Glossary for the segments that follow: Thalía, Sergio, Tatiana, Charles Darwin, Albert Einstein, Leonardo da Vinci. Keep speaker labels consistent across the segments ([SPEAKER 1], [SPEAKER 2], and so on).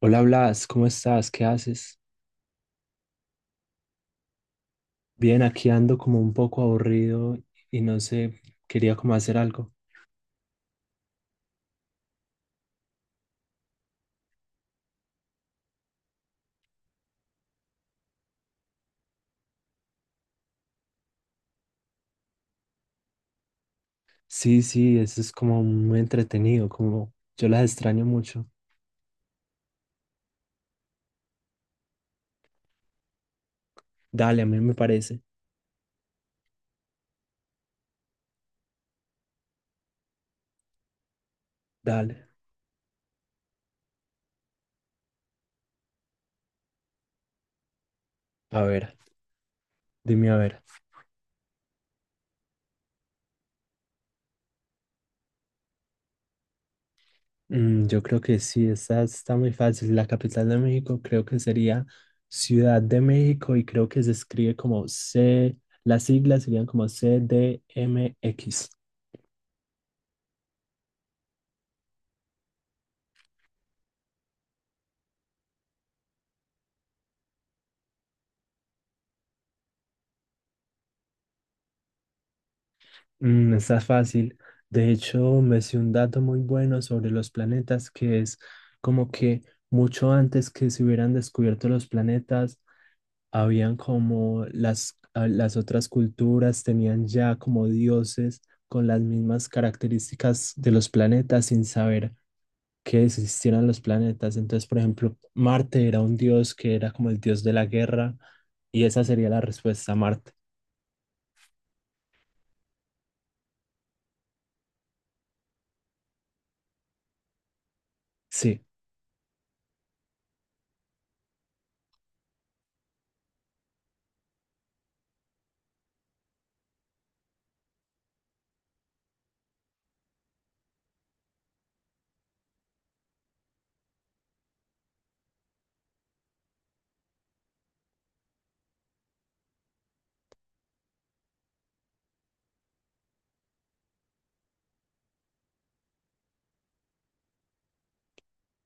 [SPEAKER 1] Hola Blas, ¿cómo estás? ¿Qué haces? Bien, aquí ando como un poco aburrido y no sé, quería como hacer algo. Sí, sí, eso es como muy entretenido, como yo las extraño mucho. Dale, a mí me parece. Dale. A ver, dime a ver. Yo creo que sí, esta está muy fácil. La capital de México creo que sería Ciudad de México y creo que se escribe como C, las siglas serían como CDMX. Está fácil. De hecho, me sé un dato muy bueno sobre los planetas, que es como que mucho antes que se hubieran descubierto los planetas, habían como las, las otras culturas tenían ya como dioses con las mismas características de los planetas sin saber que existieran los planetas. Entonces, por ejemplo, Marte era un dios que era como el dios de la guerra y esa sería la respuesta, Marte. Sí,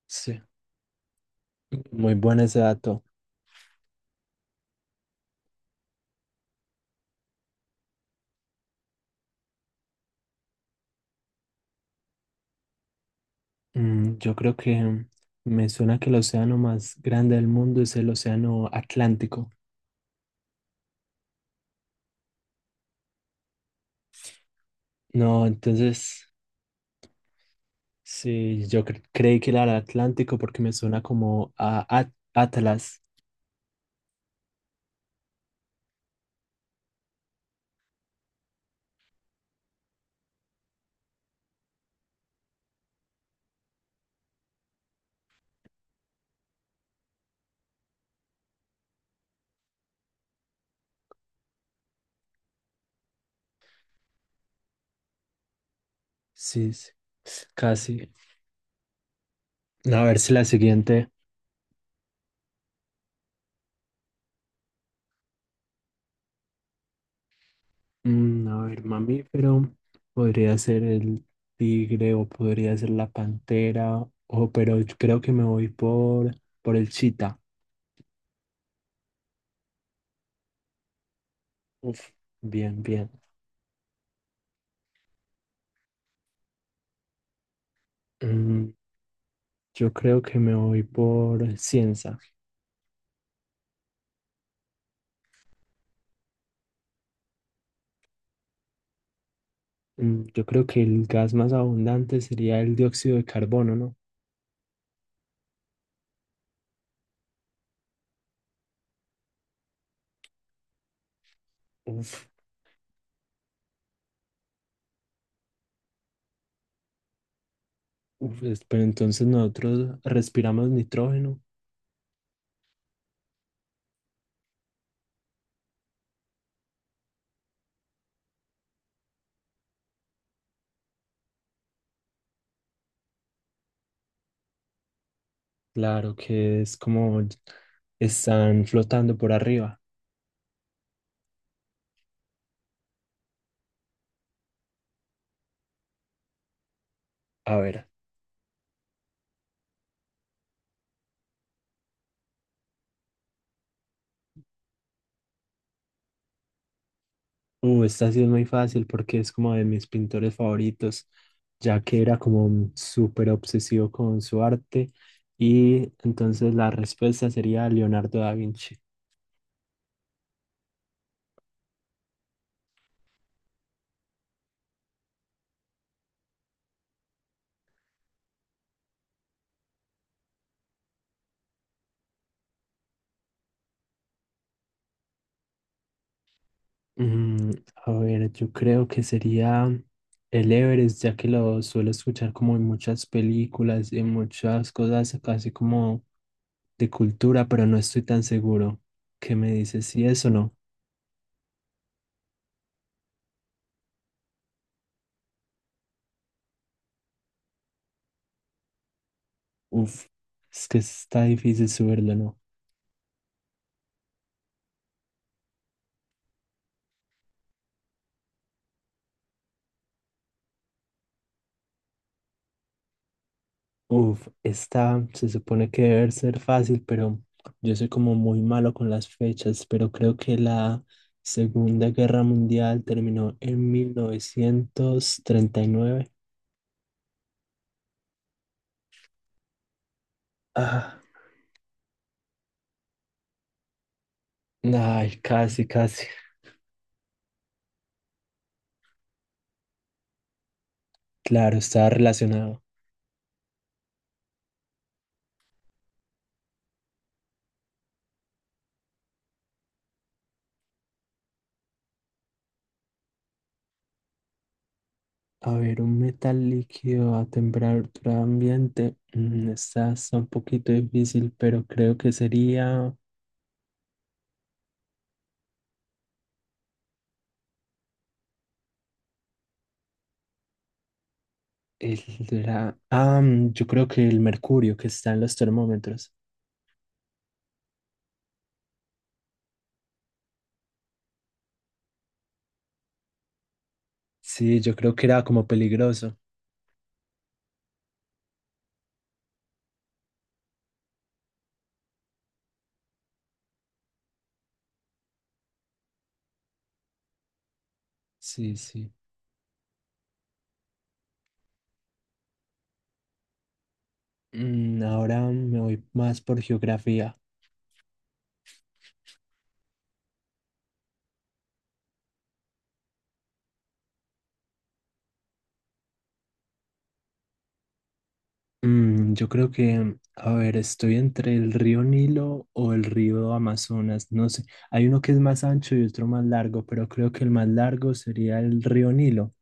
[SPEAKER 1] sí. Muy bueno ese dato. Yo creo que me suena que el océano más grande del mundo es el océano Atlántico. No, entonces, sí, yo creí que era el Atlántico porque me suena como a Atlas. Sí, sí, casi. A ver si la siguiente. A ver, mamífero. Podría ser el tigre o podría ser la pantera. O, pero yo creo que me voy por el chita. Uf, bien, bien. Mm, Yo creo que me voy por ciencia. Yo creo que el gas más abundante sería el dióxido de carbono, ¿no? Uf, uf, pero entonces nosotros respiramos nitrógeno. Claro que es como están flotando por arriba. A ver, esta sí es muy fácil porque es como de mis pintores favoritos, ya que era como un súper obsesivo con su arte. Y entonces la respuesta sería Leonardo da Vinci. Mm, a ver, yo creo que sería el Everest, ya que lo suelo escuchar como en muchas películas, en muchas cosas, casi como de cultura, pero no estoy tan seguro. ¿Qué me dices? ¿Si es o no? Uf, es que está difícil subirlo, ¿no? Uf, está, se supone que debe ser fácil, pero yo soy como muy malo con las fechas, pero creo que la Segunda Guerra Mundial terminó en 1939. Ah, ay, casi, casi. Claro, está relacionado. A ver, un metal líquido a temperatura ambiente. Mm, Esta está un poquito difícil, pero creo que sería el Ah, yo creo que el mercurio que está en los termómetros. Sí, yo creo que era como peligroso. Sí, sí. Ahora me voy más por geografía. Yo creo que, a ver, estoy entre el río Nilo o el río Amazonas, no sé. Hay uno que es más ancho y otro más largo, pero creo que el más largo sería el río Nilo.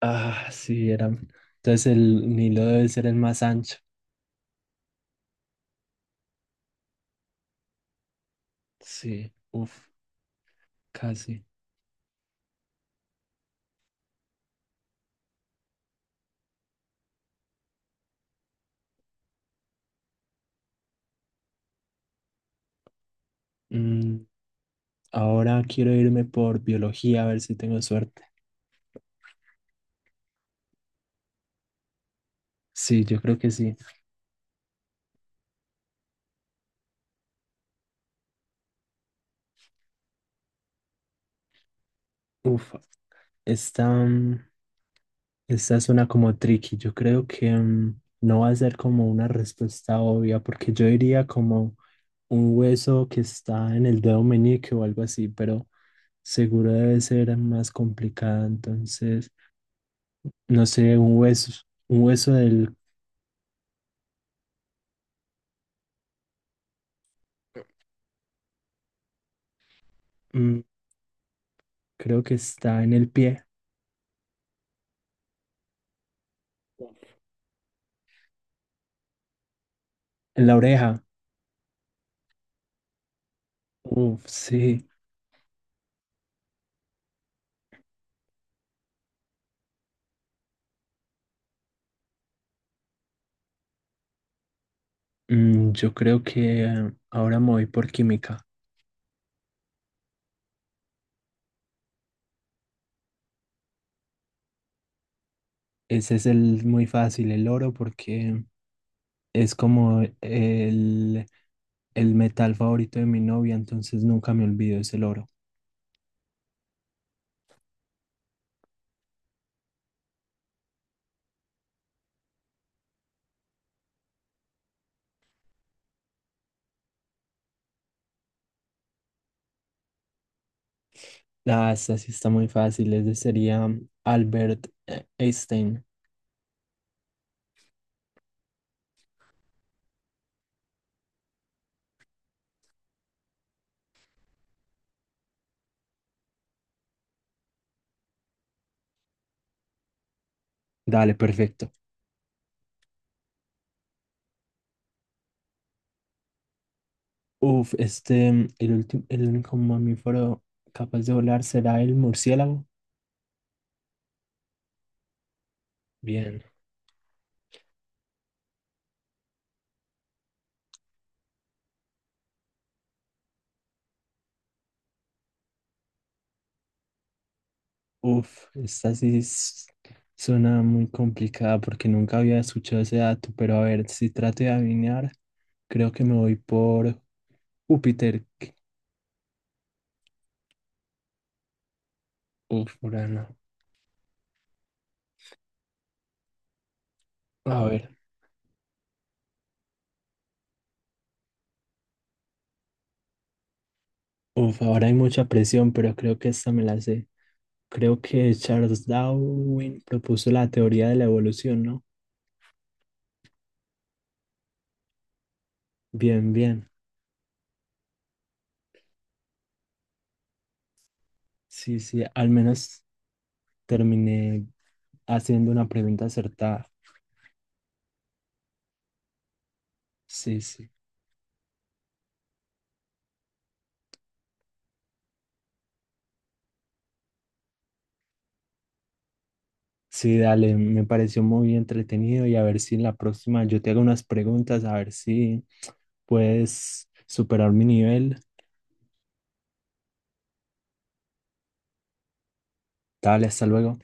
[SPEAKER 1] Ah, sí, era. Entonces el Nilo debe ser el más ancho. Sí, uff, casi. Mm, Ahora quiero irme por biología, a ver si tengo suerte. Sí, yo creo que sí. Uf, está. Esta suena como tricky. Yo creo que no va a ser como una respuesta obvia, porque yo diría como un hueso que está en el dedo meñique o algo así, pero seguro debe ser más complicada. Entonces, no sé, un hueso del, mm, creo que está en el pie, en la oreja. Uf, sí. Yo creo que ahora me voy por química. Ese es el muy fácil, el oro, porque es como el metal favorito de mi novia, entonces nunca me olvido, es el oro. Ah, esta sí está muy fácil, este sería Albert Einstein. Dale, perfecto. Uf, este, el último, el único mamífero capaz de volar será el murciélago. Bien. Uf, esta sí suena muy complicada porque nunca había escuchado ese dato, pero a ver, si trato de adivinar, creo que me voy por Júpiter. Uf, Urano. A ver, uf, ahora hay mucha presión, pero creo que esta me la sé. Creo que Charles Darwin propuso la teoría de la evolución, ¿no? Bien, bien. Sí, sí, al menos terminé haciendo una pregunta acertada. Sí, sí. Sí, dale, me pareció muy entretenido y a ver si en la próxima yo te hago unas preguntas, a ver si puedes superar mi nivel. Dale, hasta luego.